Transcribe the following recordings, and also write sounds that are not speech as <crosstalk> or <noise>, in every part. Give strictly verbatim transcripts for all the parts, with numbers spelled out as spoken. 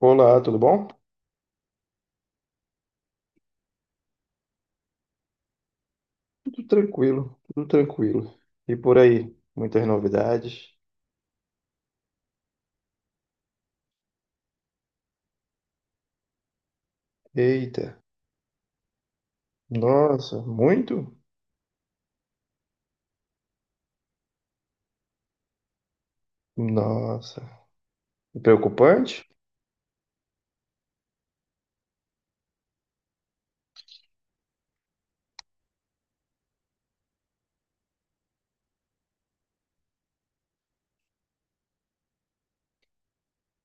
Olá, tudo bom? Tudo tranquilo, tudo tranquilo. E por aí, muitas novidades. Eita, nossa, muito? Nossa, preocupante?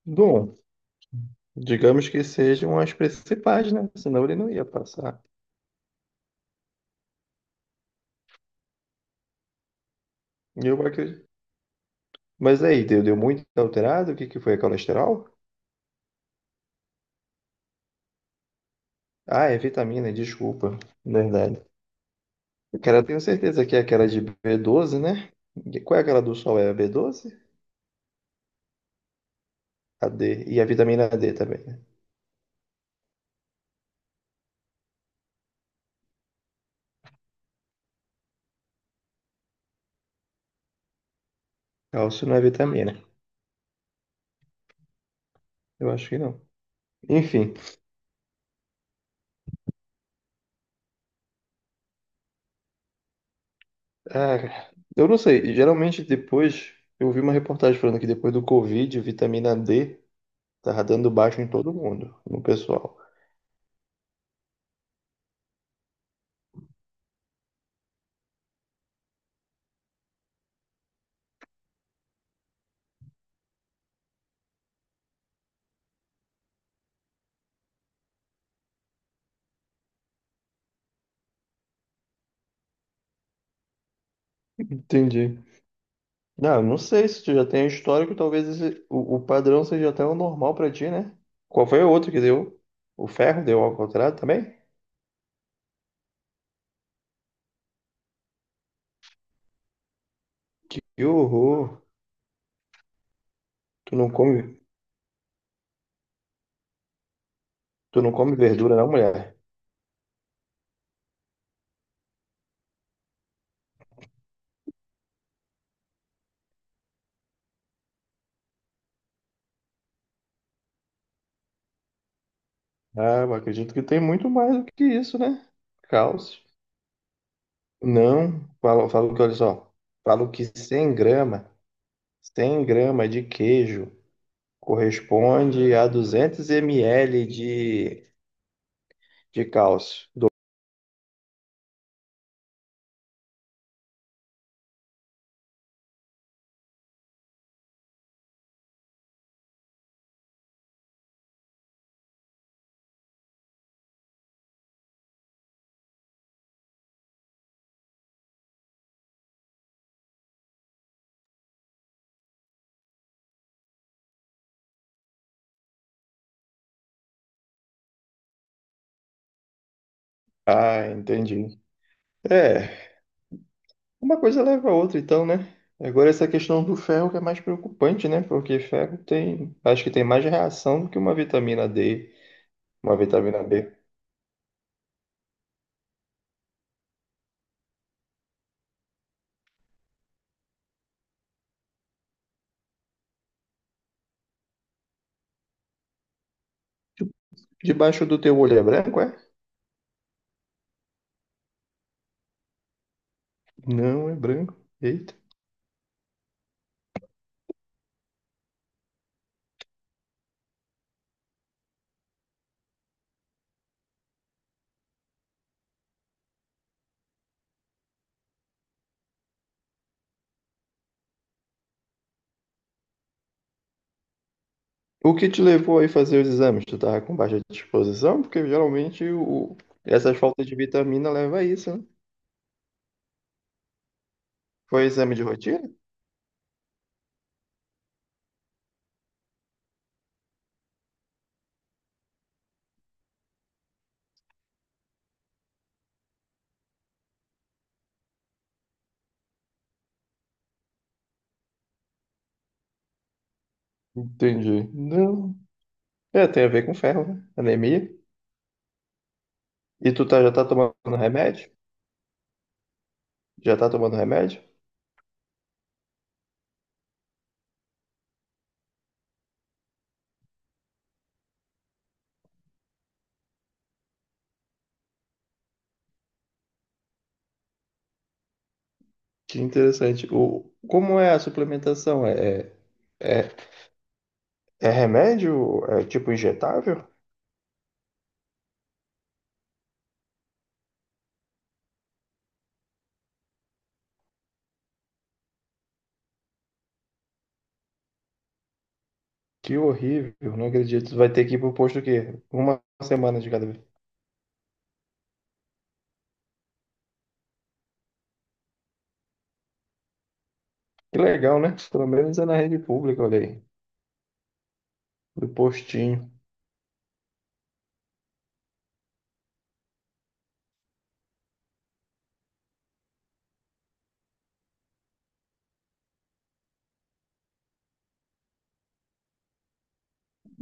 Bom, digamos que sejam as principais, né? Senão ele não ia passar. Eu acredito. Mas aí, deu, deu muito alterado? O que que foi? É colesterol? Ah, é vitamina, desculpa. Verdade. Cara, eu tenho certeza que é aquela de B doze, né? Qual é aquela do sol? É a B doze? A D. E a vitamina D também, né? Cálcio não é vitamina. Eu acho que não. Enfim, ah, eu não sei. Geralmente depois, eu vi uma reportagem falando que depois do Covid, vitamina D tava dando baixo em todo mundo, no pessoal. Entendi. Não, eu não sei se tu já tem histórico, talvez esse- o, o padrão seja até o normal pra ti, né? Qual foi o outro que deu? O ferro deu ao contrário também? Que horror! Tu não come, tu não come verdura, não, mulher? Ah, eu acredito que tem muito mais do que isso, né? Cálcio. Não, falo, falo que, olha só, falo que cem grama, cem grama de queijo corresponde a duzentos ml de, de cálcio. Ah, entendi. É, uma coisa leva a outra então, né? Agora essa questão do ferro que é mais preocupante, né? Porque ferro tem, acho que tem mais reação do que uma vitamina D, uma vitamina B. De- Debaixo do teu olho é branco, é? Não, é branco. Eita. O que te levou aí fazer os exames? Tu tava com baixa disposição? Porque geralmente o... essas faltas de vitamina leva a isso, né? Foi exame de rotina? Entendi. Não. É, tem a ver com ferro, né? Anemia. E tu tá, já tá tomando remédio? Já tá tomando remédio? Que interessante. O... Como é a suplementação? É, é, é remédio? É tipo injetável? Que horrível, não acredito. Tu vai ter que ir pro posto o quê? Uma semana de cada vez. Que legal, né? Pelo menos é na rede pública, olha aí. Do postinho.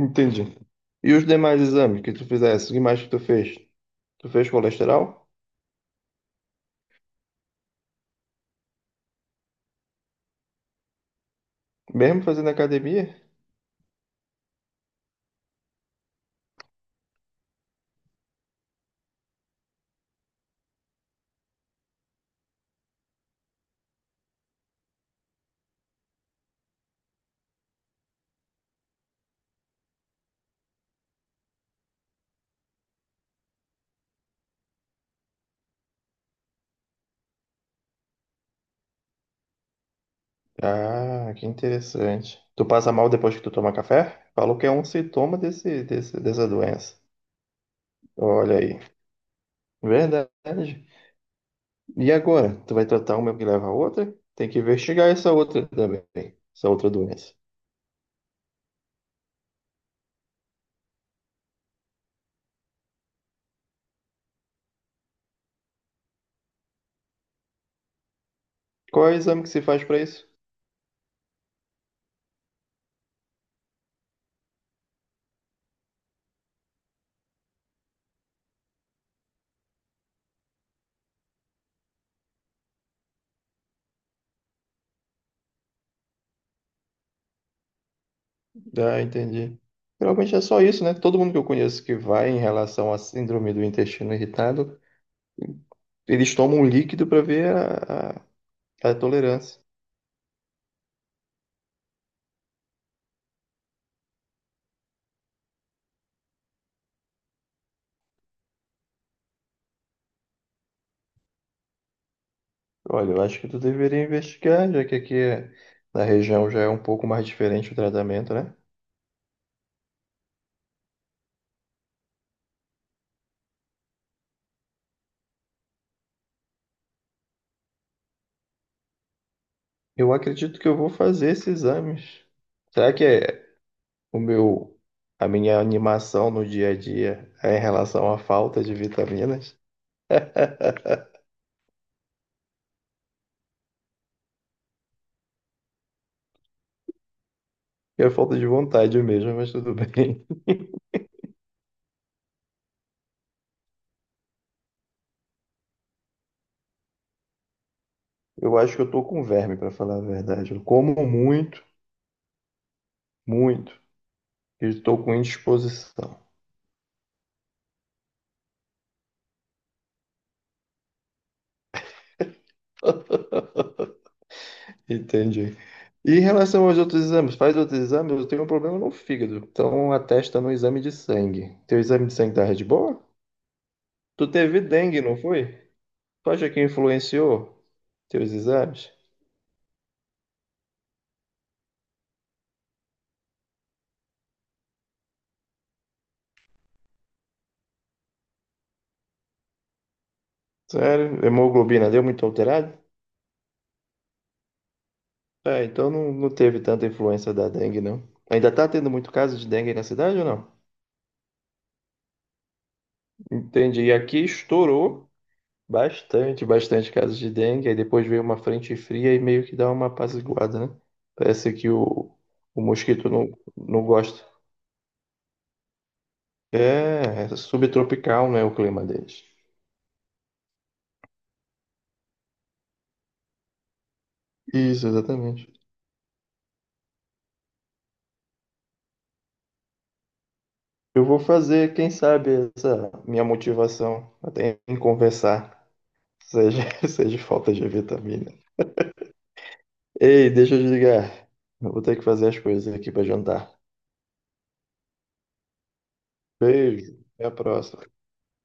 Entendi. E os demais exames que tu fizesse? O que mais que tu fez? Tu fez colesterol? Mesmo fazendo academia? Ah, que interessante. Tu passa mal depois que tu toma café? Falou que é um sintoma desse, desse, dessa doença. Olha aí. Verdade. E agora? Tu vai tratar uma que leva a outra? Tem que investigar essa outra também. Essa outra doença. Qual é o exame que se faz pra isso? Ah, entendi. Geralmente é só isso, né? Todo mundo que eu conheço que vai em relação à síndrome do intestino irritado, eles tomam um líquido para ver a, a, a tolerância. Olha, eu acho que tu deveria investigar, já que aqui é- na região já é um pouco mais diferente o tratamento, né? Eu acredito que eu vou fazer esses exames. Será que é o meu, a minha animação no dia a dia é em relação à falta de vitaminas? <laughs> É falta de vontade mesmo, mas tudo <laughs> bem. Eu acho que eu tô com verme, para falar a verdade. Eu como muito, muito, e estou com indisposição. Entendi. E em relação aos outros exames, faz outros exames, eu tenho um problema no fígado. Então atesta no exame de sangue. Teu exame de sangue tá de boa? Tu teve dengue, não foi? Tu acha que influenciou teus exames? Sério? Hemoglobina deu muito alterada? É, então não, não teve tanta influência da dengue, não. Ainda tá tendo muito caso de dengue na cidade ou não? Entendi. E aqui estourou. Bastante, bastante casos de dengue. Aí depois veio uma frente fria e meio que dá uma apaziguada, né? Parece que o, o mosquito não, não gosta. É, é subtropical, né, o clima deles. Isso, exatamente. Eu vou fazer, quem sabe, essa minha motivação até em conversar seja, <laughs> seja falta de vitamina. Ei, deixa eu desligar. Eu vou ter que fazer as coisas aqui para jantar. Beijo, até a próxima.